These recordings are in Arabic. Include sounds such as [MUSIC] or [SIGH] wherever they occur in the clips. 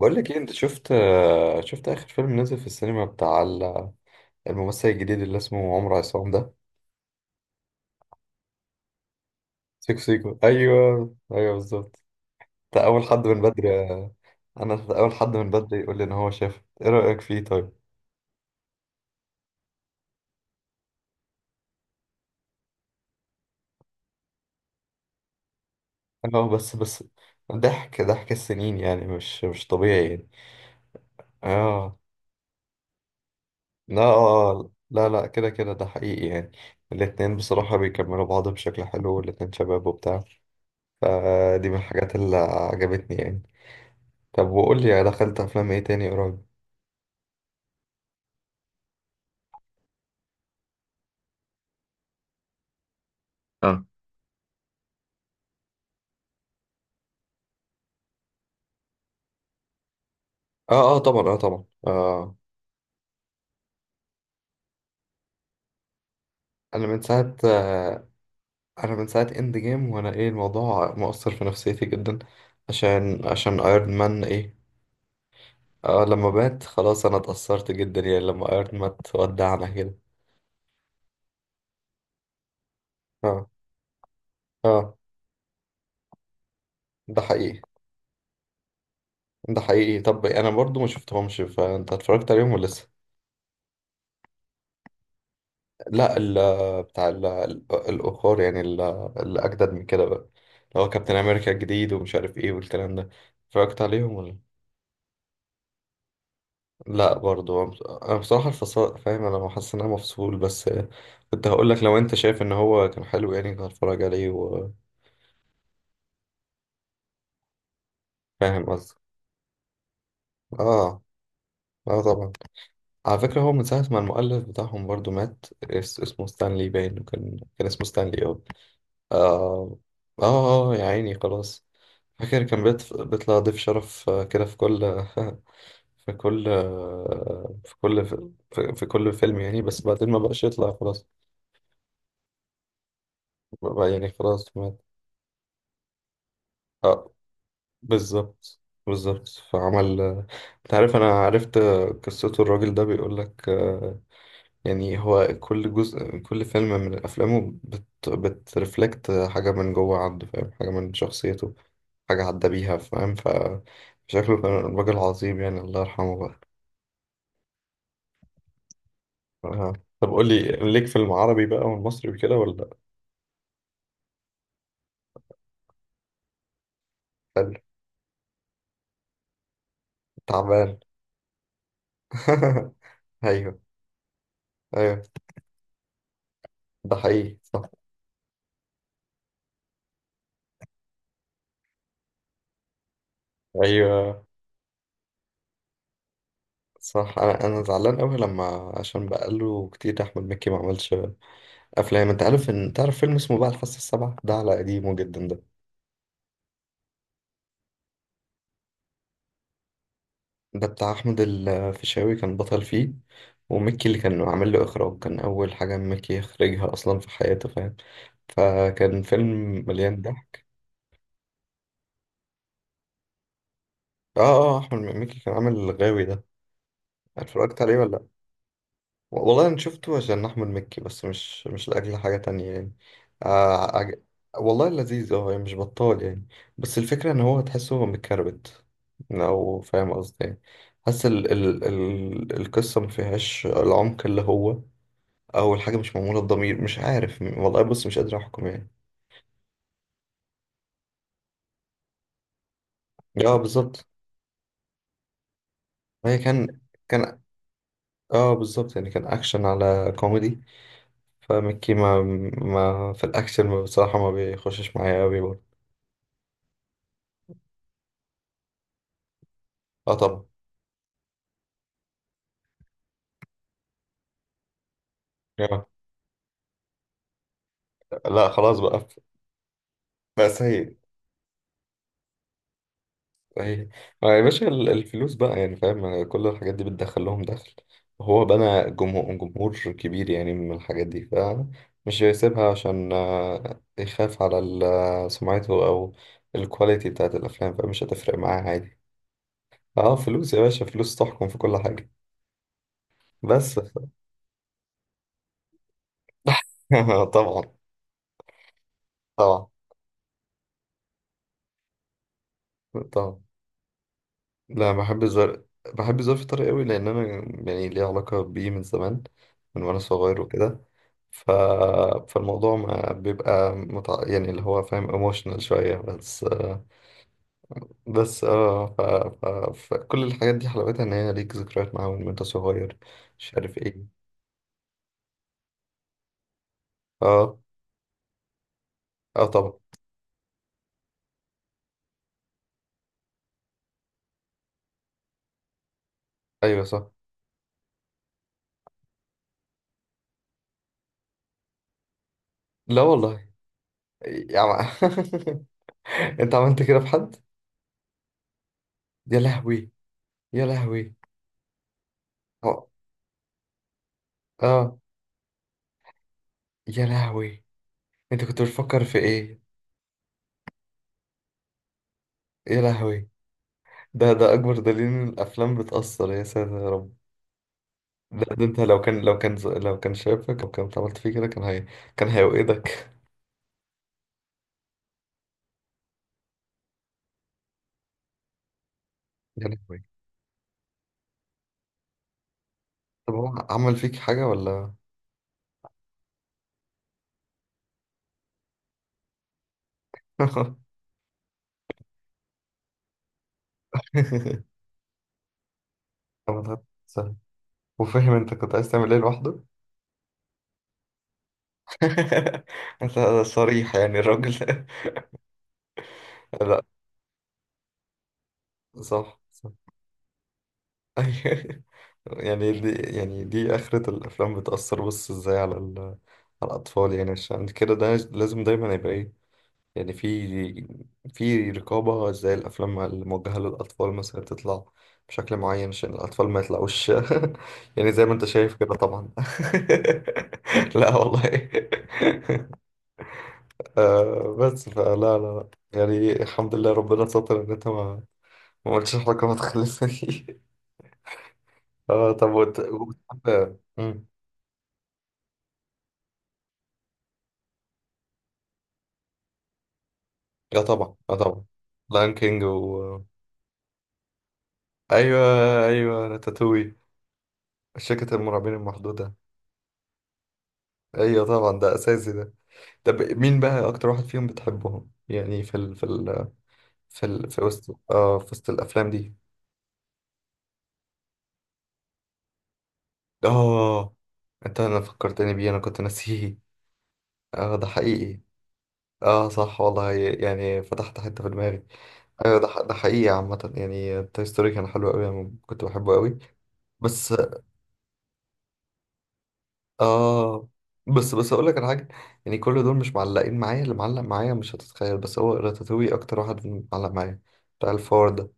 بقول لك ايه، انت شفت اخر فيلم نزل في السينما بتاع الممثل الجديد اللي اسمه عمرو عصام ده. سيكو سيكو، ايوه، ايوه، بالظبط. انت اول حد من بدري انا اول حد من بدري يقول لي ان هو شافه. ايه رايك فيه؟ طيب. اه، بس، بس. ضحك ضحك السنين، يعني مش طبيعي يعني. اه، لا، آه، آه. لا، لا، كده، كده، ده حقيقي يعني. الاتنين بصراحة بيكملوا بعض بشكل حلو، والاتنين شباب وبتاع. فدي من الحاجات اللي عجبتني يعني. طب، وقول لي دخلت افلام ايه تاني قريب؟ اه، اه، اه طبعا، اه طبعا. انا من ساعة آه انا من ساعة اند جيم، وانا ايه، الموضوع مؤثر في نفسيتي جدا. عشان ايرون مان، ايه. لما مات خلاص، انا اتأثرت جدا يعني، لما ايرون مات ودعنا كده. اه، اه، ده حقيقي، ده حقيقي. طب انا برضو ما شفتهمش، فانت اتفرجت عليهم ولا لسه؟ لا، ال بتاع ال الأخر يعني، اللي أجدد من كده بقى، اللي هو كابتن أمريكا الجديد، ومش عارف إيه والكلام ده. اتفرجت عليهم ولا؟ لا برضو، أنا بصراحة الفصل، فاهم، أنا حاسس إن أنا مفصول بس. كنت هقول لك لو أنت شايف إن هو كان حلو، يعني كنت هتفرج عليه. وفاهم قصدي؟ آه، آه طبعا. على فكرة، هو من ساعة ما المؤلف بتاعهم برضو مات، اسمه ستانلي باين، وكان اسمه ستانلي. آه، آه، يا عيني، خلاص. فاكر كان بيطلع ضيف شرف كده في كل [LAUGHS] في كل آه، في كل في, في كل فيلم يعني، بس بعدين ما بقاش يطلع خلاص. بقى يعني خلاص مات. اه، بالظبط، بالظبط. فعمل. انت عارف انا عرفت قصته، الراجل ده بيقول لك يعني، هو كل جزء، كل فيلم من افلامه بترفلكت حاجة من جوه عنده، فاهم، حاجة من شخصيته، حاجة عدى بيها، فاهم، فشكله كان راجل عظيم يعني، الله يرحمه بقى. آه. طب قول لي، ليك في العربي بقى والمصري وكده ولا؟ حلو. تعبان. [LAUGHS] ايوه، ايوه، ده حقيقي، صح. ايوه، صح، انا زعلان قوي، لما عشان بقاله كتير احمد مكي ما عملش افلام. انت عارف، تعرف فيلم اسمه بقى الفصل السبعة ده، على قديمه جدا ده. ده بتاع احمد الفيشاوي، كان بطل فيه. ومكي اللي كان عامل له اخراج، كان اول حاجه مكي يخرجها اصلا في حياته، فاهم. فكان فيلم مليان ضحك. اه، اه، احمد مكي كان عامل الغاوي ده. اتفرجت عليه ولا؟ والله انا شفته عشان احمد مكي، بس مش لاجل حاجه تانية يعني. آه عج... والله لذيذ، اه يعني مش بطال يعني. بس الفكره ان هو تحسه متكربت، لو فاهم قصدي يعني. حاسس القصه ما فيهاش العمق اللي هو، او الحاجه مش معموله بضمير، مش عارف والله، بص مش قادر احكم يعني. اه، بالظبط. هي كان كان اه بالظبط يعني كان اكشن على كوميدي. فمكي، ما في الاكشن بصراحه، ما بيخشش معايا قوي برضه. اه طبعا. لا، خلاص بقى. بقى سيد. صحيح. ما يا باشا، الفلوس بقى يعني، فاهم، كل الحاجات دي بتدخل لهم دخل. وهو بنى جمهور كبير يعني من الحاجات دي، فمش هيسيبها عشان يخاف على سمعته، او الكواليتي بتاعت الافلام، فمش هتفرق معاه عادي. اه، فلوس يا باشا، فلوس تحكم في كل حاجة. بس [LAUGHS] . طبعا، طبعا، طبعا. لا، بحب الزرق. بحب الزرق في الطريق قوي، لان انا يعني ليه علاقه بيه من زمان، من وانا صغير وكده. ف... فالموضوع ما بيبقى يعني، اللي هو فاهم، ايموشنال شويه بس. بس اه، ف... فكل الحاجات دي حلاوتها ان هي ليك ذكريات معاهم وانت صغير، مش عارف ايه. اه، اه طبعا، ايوه، صح، لا والله. يا عم... [LAUGHS] انت عملت كده في حد؟ يا لهوي، يا لهوي. اه، آه، يا لهوي. انت كنت بتفكر في ايه؟ يا لهوي. ده اكبر دليل ان الافلام بتاثر، يا ساتر يا رب. ده انت، لو كان لو كان شافك او كان عملت فيه كده، كان هيوقدك. يا لهوي. طب هو عمل فيك حاجه ولا؟ [LAUGHS] طب ده سهل. وفاهم انت كنت عايز تعمل ايه لوحده؟ [LAUGHS] انت صريح يعني الراجل. [LAUGHS] لا، صح، صح. [LAUGHS] أيوه. يعني دي يعني دي اخرة الافلام، بتاثر بص ازاي على على الاطفال يعني، عشان كده ده لازم دايما يبقى ايه. يعني في رقابة، زي الأفلام الموجهة للأطفال مثلا تطلع بشكل معين عشان الأطفال ما يطلعوش [LAUGHS] يعني زي ما أنت شايف كده طبعا. [LAUGHS] لا والله. [LAUGHS] آه بس، فلا، لا، لا، يعني الحمد لله، ربنا ستر إن أنت ما قلتش حاجة ما تخلفني. [LAUGHS] اه طب، وبتحب. مم. اه طبعا، اه طبعا. لاين كينج. أيوه، أيوه، راتاتوي. شركة المرعبين المحدودة. أيوه طبعا، ده أساسي ده. طب مين بقى اكتر واحد فيهم بتحبهم يعني في ال في ال في ال في وسط اه في وسط الافلام دي. اه، انا فكرتني بيه، انا كنت ناسيه. اه، ده حقيقي. اه صح والله، يعني فتحت حتة في دماغي. ايوه، ده حقيقي عامة يعني، توي ستوري كان حلو قوي، انا كنت بحبه قوي. بس اه بس، بس اقول لك على حاجة، يعني كل دول مش معلقين معايا، اللي معلق معايا مش هتتخيل، بس هو راتاتوي اكتر واحد معلق معايا، بتاع الفار ده.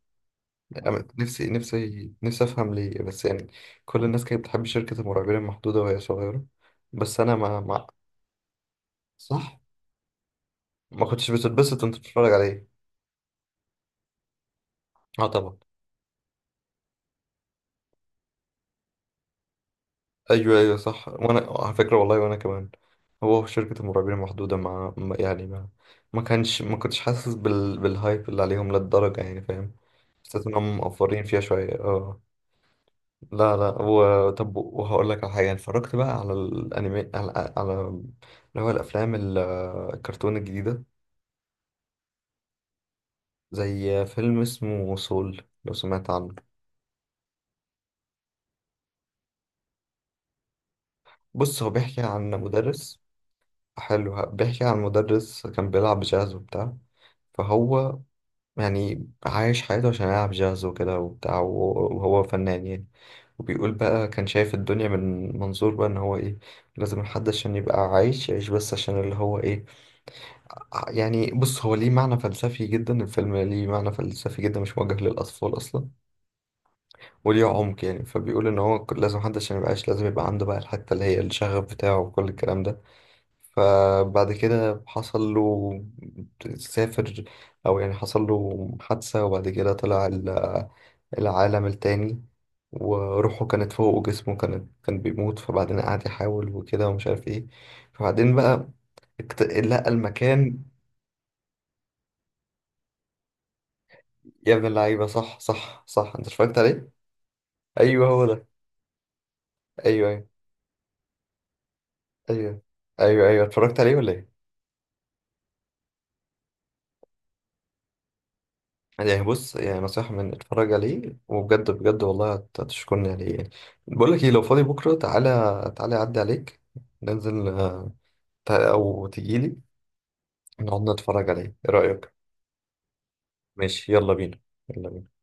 أنا نفسي، نفسي، نفسي أفهم ليه، بس يعني كل الناس كانت بتحب شركة المرعبين المحدودة وهي صغيرة، بس أنا ما ما صح، ما كنتش بتتبسط وأنت بتتفرج عليه. أه طبعا. أيوه، أيوه، صح، وأنا على فكرة والله، وأنا كمان. هو شركة المرعبين المحدودة، ما كانش، ما كنتش حاسس بالهايب اللي عليهم للدرجة يعني، فاهم. حسيت إنهم مقفرين فيها شوية. لا، لا، طب وهقول لك على حاجة، اتفرجت بقى على الأنمي، على اللي هو الأفلام الكرتون الجديدة، زي فيلم اسمه سول، لو سمعت عنه. بص هو، بيحكي عن مدرس حلو، بيحكي عن مدرس كان بيلعب جاز وبتاع. فهو يعني عايش حياته عشان يلعب جاز وكده وبتاع، وهو فنان يعني. وبيقول بقى، كان شايف الدنيا من منظور بقى ان هو ايه، لازم الحد عشان يبقى عايش يعيش بس عشان اللي هو ايه. يعني بص، هو ليه معنى فلسفي جدا، الفيلم ليه معنى فلسفي جدا، مش موجه للأطفال أصلا، وليه عمق يعني. فبيقول إن هو لازم محدش عشان يبقاش، لازم يبقى عنده بقى الحتة اللي هي الشغف بتاعه وكل الكلام ده. فبعد كده حصل له، سافر، أو يعني حصل له حادثة، وبعد كده طلع العالم التاني، وروحه كانت فوق وجسمه كان بيموت. فبعدين قعد يحاول وكده ومش عارف ايه. فبعدين بقى لقى المكان. يا ابن اللعيبة، صح، صح، صح، انت اتفرجت عليه؟ ايوه، هو ده. ايوه، ايوه، ايوه، ايوه، ايوه، اتفرجت عليه ولا ايه؟ يعني بص، يعني نصيحة، من اتفرج عليه وبجد، بجد والله هتشكرني عليه يعني. بقول لك ايه، لو فاضي بكرة تعالى، تعالى اعدي عليك، ننزل او تجيلي نقعد نتفرج عليه، ايه رأيك؟ ماشي، يلا بينا، يلا بينا.